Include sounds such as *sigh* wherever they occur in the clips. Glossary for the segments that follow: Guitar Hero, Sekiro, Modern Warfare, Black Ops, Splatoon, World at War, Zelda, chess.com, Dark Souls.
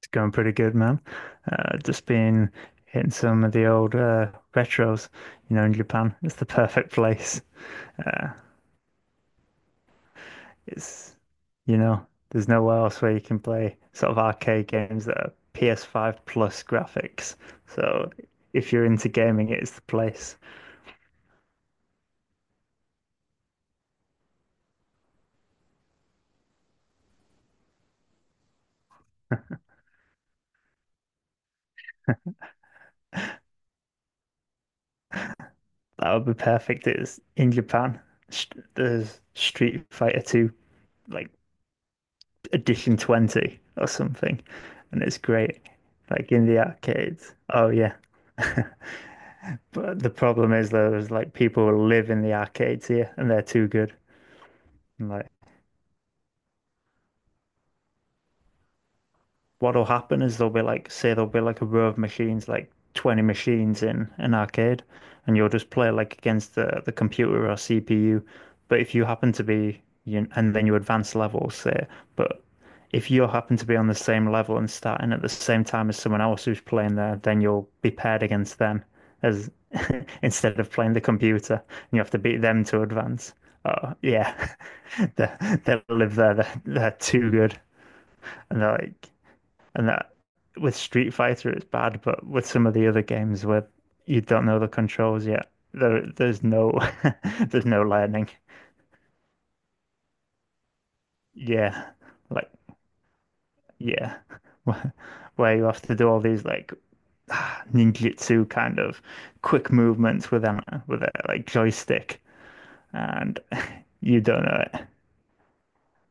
It's going pretty good, man. Just been hitting some of the old retros, in Japan. It's the perfect place. Uh, it's, you know, there's nowhere else where you can play sort of arcade games that are PS5 plus graphics. So if you're into gaming, it's the place. That would be perfect. It's in Japan. Sh- There's Street Fighter 2, like edition 20 or something, and it's great, like in the arcades. Oh, yeah. *laughs* But the problem is, though, is like people live in the arcades here and they're too good. And like, what'll happen is there'll be like, say there'll be like a row of machines, like 20 machines in an arcade, and you'll just play like against the computer or CPU. But if you happen to be, you, and then you advance levels, say, but if you happen to be on the same level and starting at the same time as someone else who's playing there, then you'll be paired against them as *laughs* instead of playing the computer, and you have to beat them to advance. Oh, yeah, *laughs* they will live there. They're too good, and they're like, and that with Street Fighter, it's bad, but with some of the other games where you don't know the controls yet, there's no *laughs* there's no learning. Yeah, like yeah, *laughs* where you have to do all these like *sighs* ninjutsu kind of quick movements with a like joystick, and you don't know it.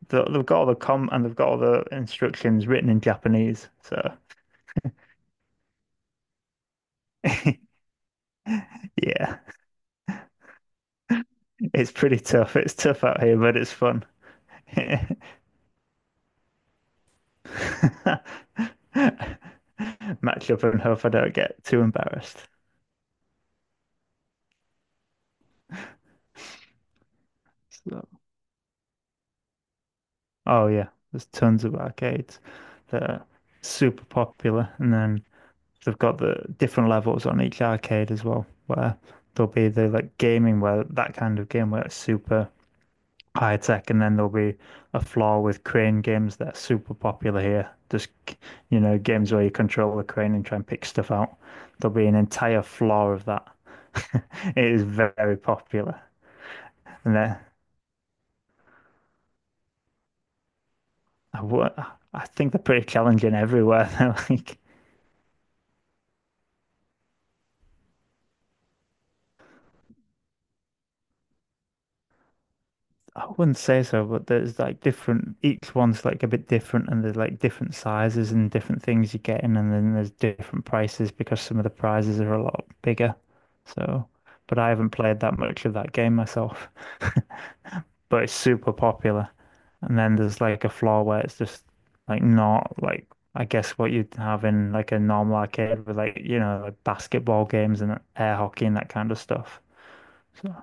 They've got all the com and they've got all the instructions written in Japanese, so *laughs* yeah, it's pretty tough. It's tough out here, but it's fun. *laughs* *laughs* Match up and hope I don't get too embarrassed. So, oh yeah, there's tons of arcades that are super popular, and then they've got the different levels on each arcade as well, where there'll be the like gaming where that kind of game where it's super high tech, and then there'll be a floor with crane games that are super popular here. Just, games where you control the crane and try and pick stuff out. There'll be an entire floor of that. *laughs* It is very popular, and I, I think they're pretty challenging everywhere. *laughs* They're like I wouldn't say so, but there's like different, each one's like a bit different, and there's like different sizes and different things you're getting, and then there's different prices because some of the prizes are a lot bigger. So, but I haven't played that much of that game myself, *laughs* but it's super popular. And then there's like a floor where it's just like not like, I guess what you'd have in like a normal arcade with like, like basketball games and air hockey and that kind of stuff. So,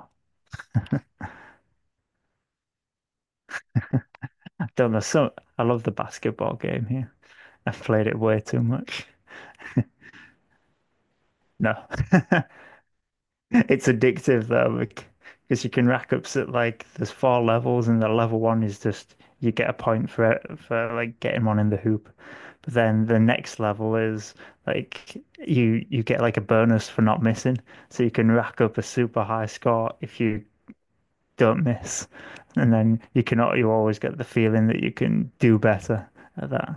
I don't know. So, I love the basketball game here. I've played it way too much. No, *laughs* it's addictive though, because you can rack up so like there's four levels, and the level one is just you get a point for it, for like getting one in the hoop. But then the next level is like you get like a bonus for not missing, so you can rack up a super high score if you don't miss, and then you cannot you always get the feeling that you can do better at that.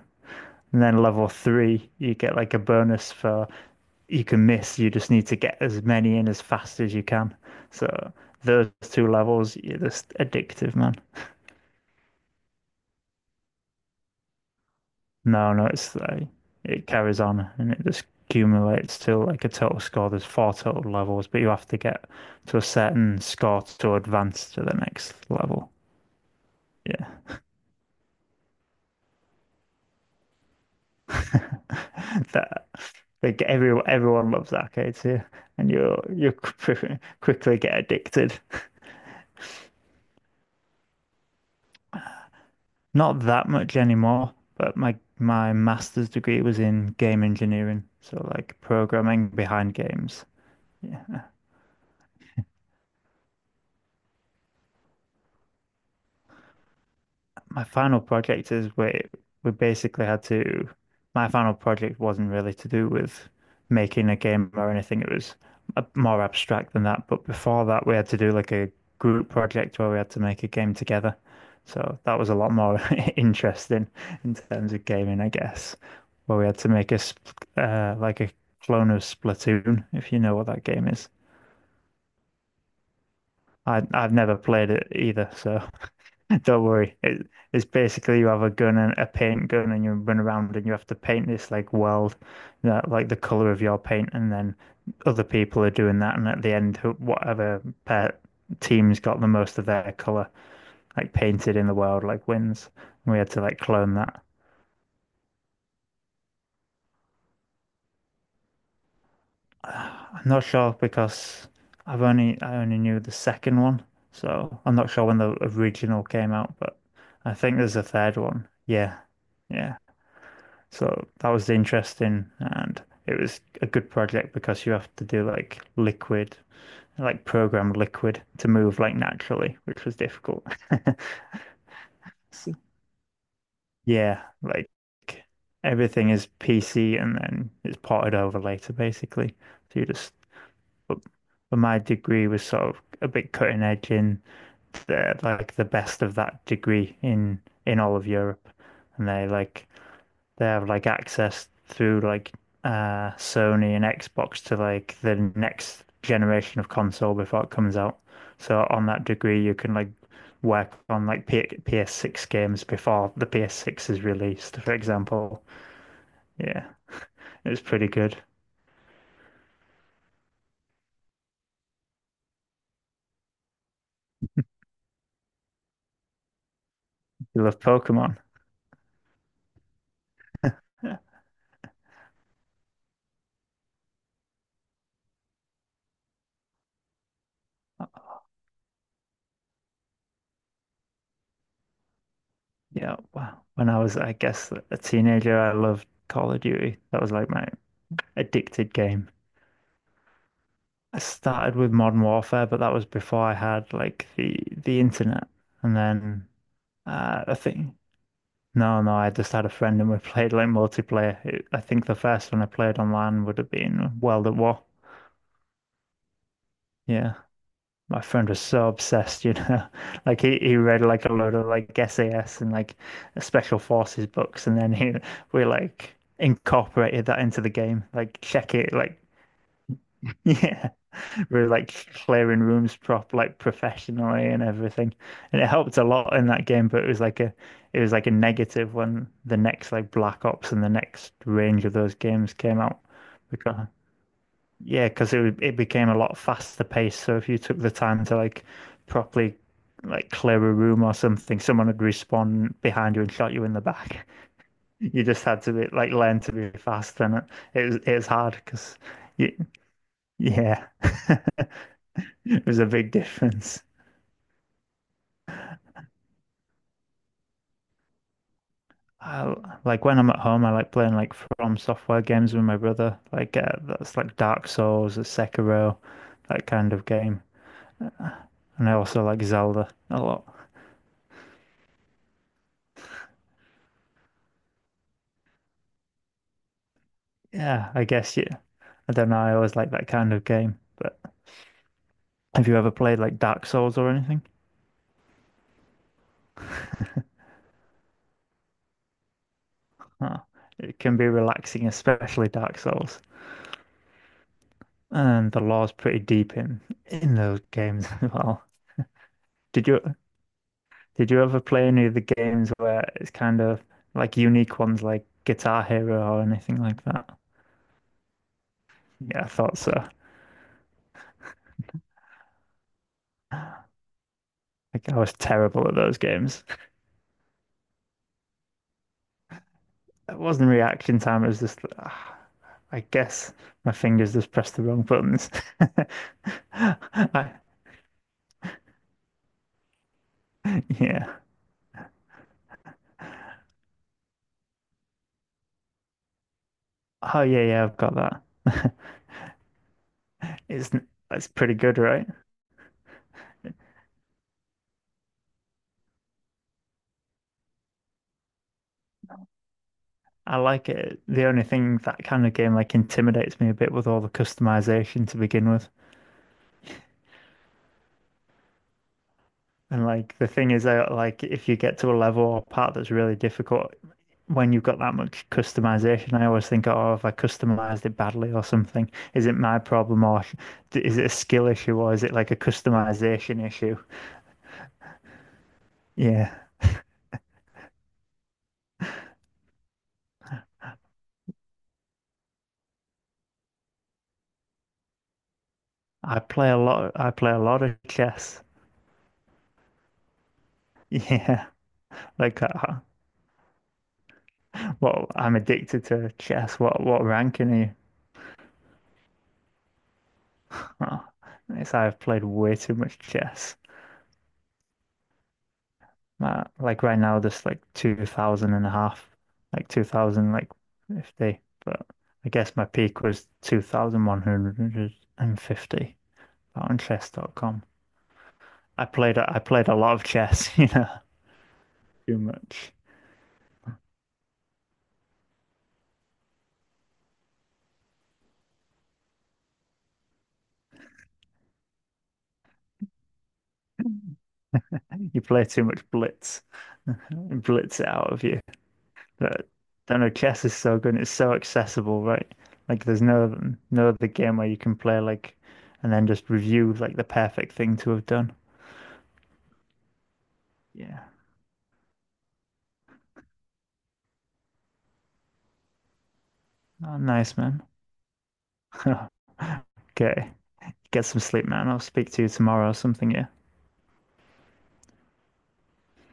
And then level three, you get like a bonus for you can miss. You just need to get as many in as fast as you can. So those two levels, you're just addictive, man. No, no, it's like it carries on and it just accumulates till like a total score. There's four total levels, but you have to get to a certain score to advance to the next level. Yeah, *laughs* that like everyone loves arcades here, and you *laughs* quickly get addicted. Not that much anymore, but my master's degree was in game engineering, so like programming behind games. Yeah. My final project is we basically had to, my final project wasn't really to do with making a game or anything. It was more abstract than that. But before that, we had to do like a group project where we had to make a game together. So that was a lot more *laughs* interesting in terms of gaming, I guess, where we had to make like a clone of Splatoon, if you know what that game is. I've never played it either, so *laughs* don't worry. It's basically you have a gun and a paint gun and you run around and you have to paint this like world that like the color of your paint and then other people are doing that and at the end whatever pair team's got the most of their color like painted in the world like wins. And we had to like clone that. *sighs* I'm not sure because I only knew the second one, so I'm not sure when the original came out, but I think there's a third one. Yeah. Yeah. So that was interesting, and it was a good project because you have to do like liquid, like program liquid to move like naturally, which was difficult. *laughs* So, yeah, like everything is PC and then it's ported over later, basically. So you just, but, but my degree was sort of a bit cutting edge in the like the best of that degree in all of Europe, and they have like access through like Sony and Xbox to like the next generation of console before it comes out. So on that degree, you can like work on like P PS6 games before the PS6 is released, for example. Yeah, it's pretty good. You love Pokemon. Yeah, yeah. Wow. When I was, I guess, a teenager, I loved Call of Duty. That was like my addicted game. I started with Modern Warfare, but that was before I had like the internet. And then I think no, no, I just had a friend and we *laughs* played like multiplayer. I think the first one I played online would have been World at War. Yeah, my friend was so obsessed, *laughs* like he read like a load of like SAS and like Special Forces books, and then he we like incorporated that into the game, like check it, like *laughs* yeah. We were like clearing rooms prop like professionally and everything. And it helped a lot in that game, but it was like a negative when the next like Black Ops and the next range of those games came out. Because yeah, because it became a lot faster paced. So if you took the time to like properly like clear a room or something, someone would respawn behind you and shot you in the back. *laughs* You just had to be like learn to be fast, and it was hard because yeah. *laughs* *laughs* It was a big difference. I, like when I'm at home, I like playing like From Software games with my brother. Like that's like Dark Souls, Sekiro, that kind of game. And I also like Zelda a lot. Yeah, I guess yeah. I don't know. I always like that kind of game. But have you ever played like Dark Souls or anything? Huh. It can be relaxing, especially Dark Souls. And the lore's pretty deep in those games *laughs* as well. Did you Did you ever play any of the games where it's kind of like unique ones like Guitar Hero or anything like that? Yeah, I thought so. Like I was terrible at those games. It wasn't reaction time, it was just I guess my fingers just pressed the wrong buttons. *laughs* I, yeah. Oh yeah, yeah, I've got that. *laughs* It's it's pretty good, right? I like it. The only thing that kind of game like intimidates me a bit with all the customization to begin with. And like the thing is that like if you get to a level or part that's really difficult, when you've got that much customization, I always think, oh, have I customized it badly or something? Is it my problem or is it a skill issue or is it like a customization issue? Yeah, I play a lot. I play a lot of chess. *laughs* Yeah, like well, I'm addicted to chess. What ranking are you? Oh, it's I've played way too much chess. Like right now, there's like 2,000 and a half, like 2,000, like 50. But I guess my peak was 2,150 on chess.com. I played a lot of chess, *laughs* too much. You play too much blitz, *laughs* it blitz it out of you. But I don't know, chess is so good and it's so accessible, right? Like there's no other game where you can play like and then just review like the perfect thing to have done. Yeah. Oh, nice man. *laughs* Okay. Get some sleep, man. I'll speak to you tomorrow or something, yeah.